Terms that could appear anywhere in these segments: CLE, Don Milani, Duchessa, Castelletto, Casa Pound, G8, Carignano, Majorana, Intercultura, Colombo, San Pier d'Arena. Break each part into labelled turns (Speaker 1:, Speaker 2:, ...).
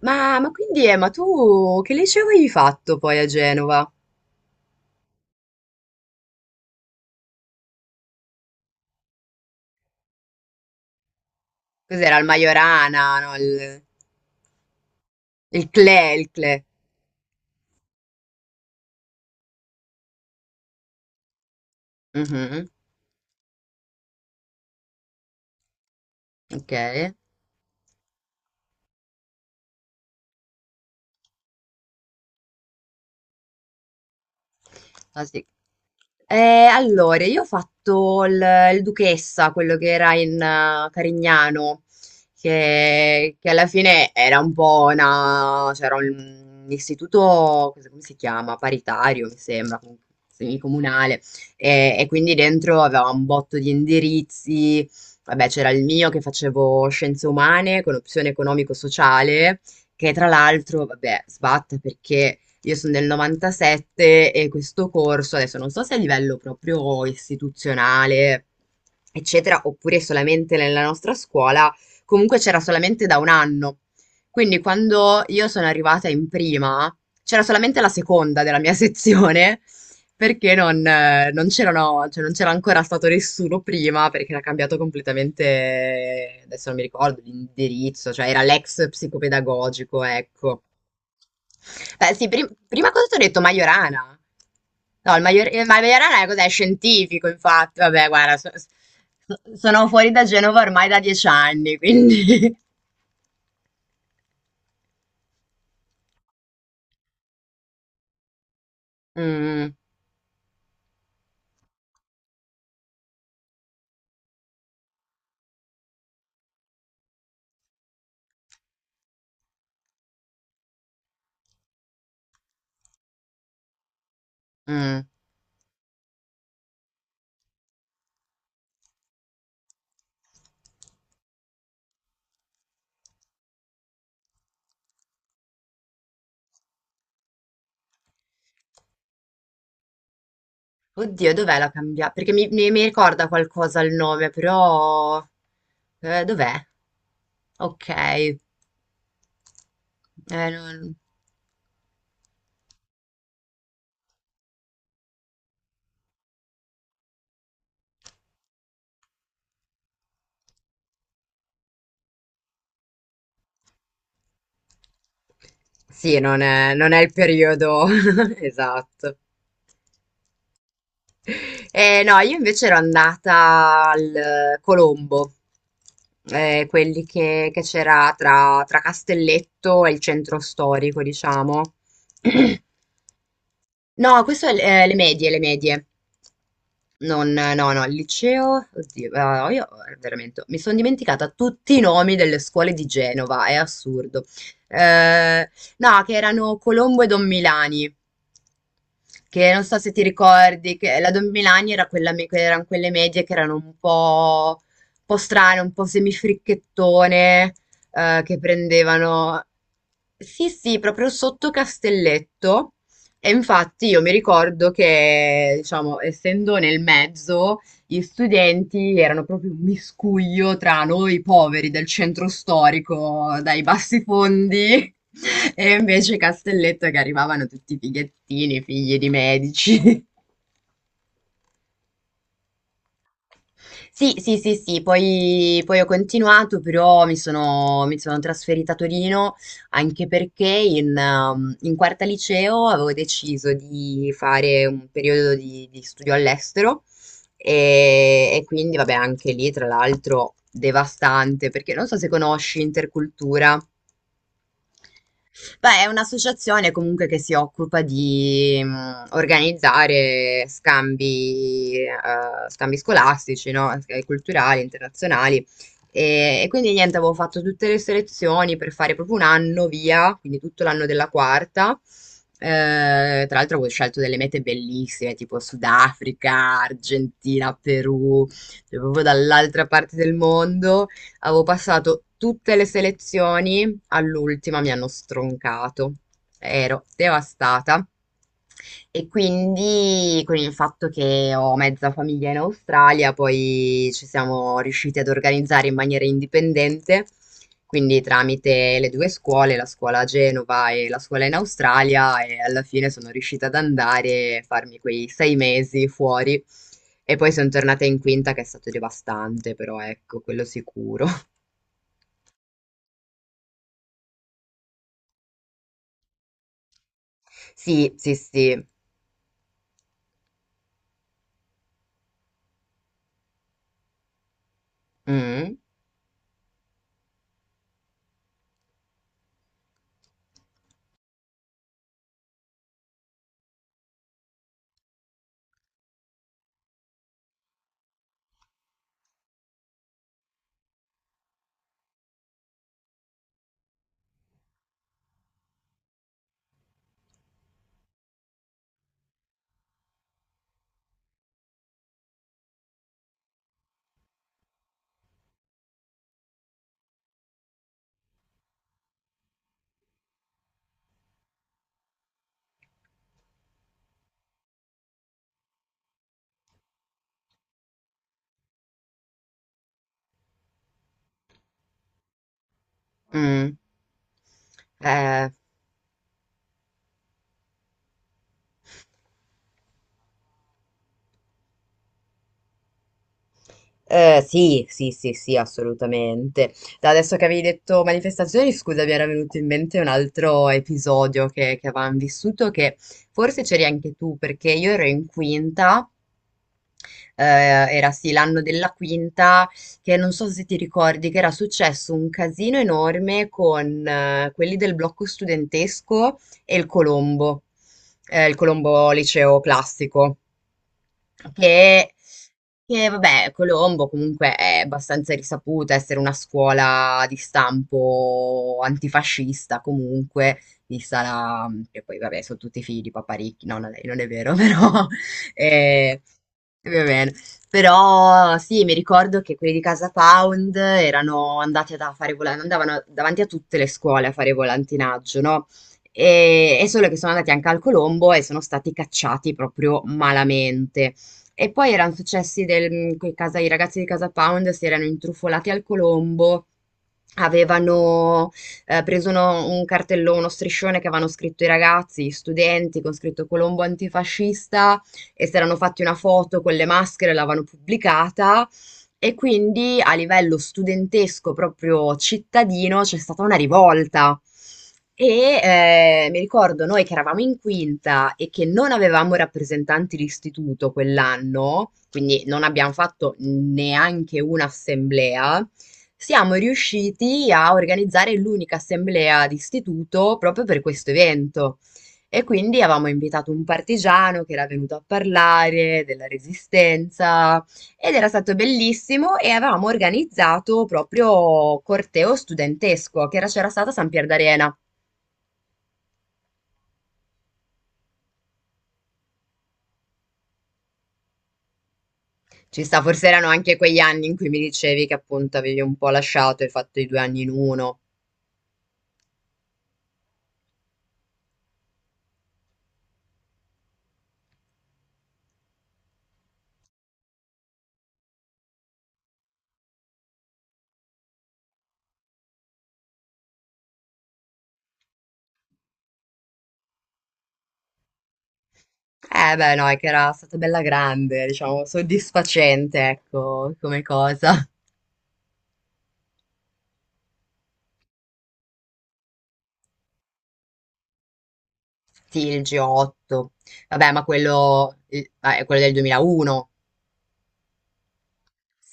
Speaker 1: Ma quindi, ma tu che liceo avevi fatto poi a Genova? Cos'era il Majorana, no? Il CLE, il CLE. Mhm. Ok. Ah, sì. Allora, io ho fatto il Duchessa, quello che era in Carignano, che alla fine era un po' una, c'era un istituto, come si chiama? Paritario, mi sembra, comunque, semicomunale, e quindi dentro aveva un botto di indirizzi. Vabbè, c'era il mio che facevo scienze umane con opzione economico-sociale, che tra l'altro, vabbè, sbatte perché io sono del 97 e questo corso, adesso non so se a livello proprio istituzionale, eccetera, oppure solamente nella nostra scuola, comunque c'era solamente da un anno. Quindi quando io sono arrivata in prima, c'era solamente la seconda della mia sezione, perché non c'erano, cioè non c'era ancora stato nessuno prima, perché era cambiato completamente, adesso non mi ricordo l'indirizzo, cioè era l'ex psicopedagogico, ecco. Beh, sì, prima cosa ti ho detto Majorana. No, il, il Majorana è cos'è? Scientifico, infatti. Vabbè, guarda, sono fuori da Genova ormai da 10 anni, quindi... Mm, mm. Oddio, dov'è la cambia? Perché mi ricorda qualcosa il nome, però... dov'è? Ok. Non- Sì, non è il periodo esatto. No, io invece ero andata al Colombo, quelli che c'era tra, tra Castelletto e il centro storico, diciamo. No, questo è l le medie, le medie. Non no, no, il liceo, oddio, ah, io veramente mi sono dimenticata tutti i nomi delle scuole di Genova, è assurdo. Eh, no, che erano Colombo e Don Milani, che non so se ti ricordi, che la Don Milani era quella, erano quelle medie che erano un po' strane, un po' semifricchettone, che prendevano... Sì, sì, proprio sotto Castelletto. E infatti io mi ricordo che, diciamo, essendo nel mezzo, gli studenti erano proprio un miscuglio tra noi poveri del centro storico, dai bassi fondi, e invece Castelletto che arrivavano tutti fighettini, figli di medici. Sì, sì, sì, sì, poi, poi ho continuato, però mi sono trasferita a Torino anche perché in, in quarta liceo avevo deciso di fare un periodo di studio all'estero e quindi, vabbè, anche lì, tra l'altro, devastante, perché non so se conosci Intercultura. Beh, è un'associazione comunque che si occupa di organizzare scambi, scambi scolastici, no? E culturali, internazionali. E quindi niente, avevo fatto tutte le selezioni per fare proprio un anno via, quindi tutto l'anno della quarta. Tra l'altro avevo scelto delle mete bellissime, tipo Sudafrica, Argentina, Perù, cioè proprio dall'altra parte del mondo. Avevo passato tutte le selezioni, all'ultima mi hanno stroncato. Ero devastata. E quindi con il fatto che ho mezza famiglia in Australia, poi ci siamo riusciti ad organizzare in maniera indipendente, quindi tramite le due scuole, la scuola a Genova e la scuola in Australia, e alla fine sono riuscita ad andare e farmi quei 6 mesi fuori. E poi sono tornata in quinta, che è stato devastante, però ecco, quello sicuro. Sì, sì, sì. Mm. Mm, eh, sì, sì, sì, sì, assolutamente. Da adesso che avevi detto manifestazioni, scusa, mi era venuto in mente un altro episodio che avevamo vissuto, che forse c'eri anche tu, perché io ero in quinta, era sì l'anno della quinta, che non so se ti ricordi che era successo un casino enorme con quelli del blocco studentesco e il Colombo liceo classico. che, vabbè, Colombo comunque è abbastanza risaputa essere una scuola di stampo antifascista comunque, vista la... che poi vabbè sono tutti figli di Paparicchi, no, no, lei non è vero, però... eh, va bene. Però sì, mi ricordo che quelli di Casa Pound erano andati a fare andavano davanti a tutte le scuole a fare volantinaggio, no? E solo che sono andati anche al Colombo e sono stati cacciati proprio malamente. E poi erano successi del, mm, quei casa, i ragazzi di Casa Pound si erano intrufolati al Colombo, avevano preso un cartellone, uno striscione che avevano scritto i ragazzi, gli studenti, con scritto Colombo antifascista, e si erano fatti una foto con le maschere, l'avevano pubblicata e quindi a livello studentesco, proprio cittadino, c'è stata una rivolta. E mi ricordo noi che eravamo in quinta e che non avevamo rappresentanti di istituto quell'anno, quindi non abbiamo fatto neanche un'assemblea, siamo riusciti a organizzare l'unica assemblea di istituto proprio per questo evento. E quindi avevamo invitato un partigiano che era venuto a parlare della resistenza, ed era stato bellissimo e avevamo organizzato proprio corteo studentesco c'era stato a San Pier d'Arena. Ci sta, forse erano anche quegli anni in cui mi dicevi che appunto avevi un po' lasciato e fatto i due anni in uno. Eh beh, no, è che era stata bella grande, diciamo, soddisfacente, ecco, come cosa. Sì, il G8. Vabbè, ma quello, ah, è quello del 2001.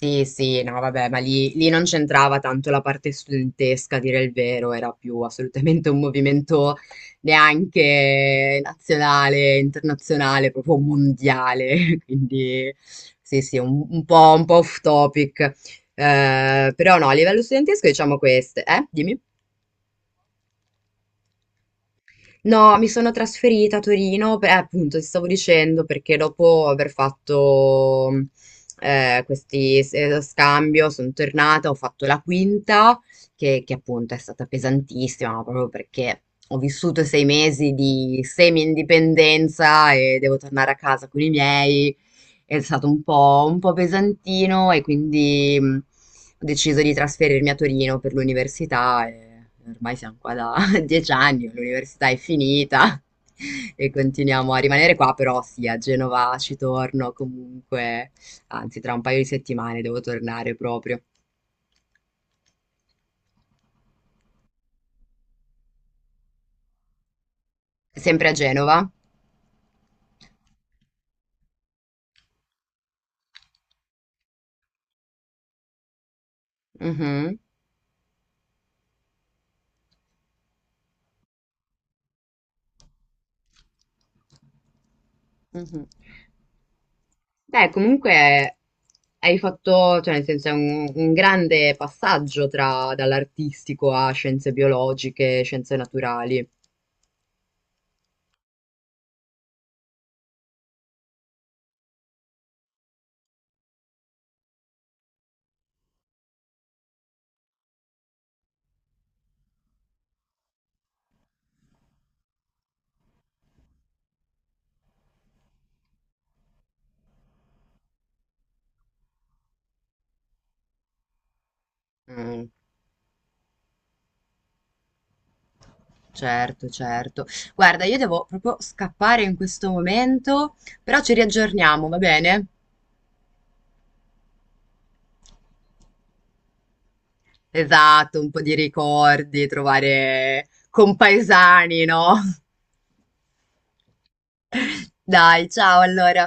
Speaker 1: Sì, sì, no, vabbè, ma lì, lì non c'entrava tanto la parte studentesca, a dire il vero, era più assolutamente un movimento neanche nazionale, internazionale, proprio mondiale, quindi sì, sì, un po' off topic. Però no, a livello studentesco diciamo queste, eh? Dimmi. No, mi sono trasferita a Torino, appunto, ti stavo dicendo, perché dopo aver fatto questi scambio sono tornata, ho fatto la quinta, che appunto è stata pesantissima, ma proprio perché ho vissuto 6 mesi di semi-indipendenza e devo tornare a casa con i miei. È stato un po' pesantino e quindi ho deciso di trasferirmi a Torino per l'università e ormai siamo qua da 10 anni, l'università è finita e continuiamo a rimanere qua, però sì, a Genova ci torno comunque, anzi tra un paio di settimane devo tornare proprio. Sempre a Genova? Mhm, mhm. Beh, comunque hai fatto, cioè nel senso è un grande passaggio tra dall'artistico a scienze biologiche, scienze naturali. Mm. Certo, certo. Guarda, io devo proprio scappare in questo momento, però ci riaggiorniamo, va bene? Esatto, un po' di ricordi, trovare compaesani, no? Dai, ciao allora.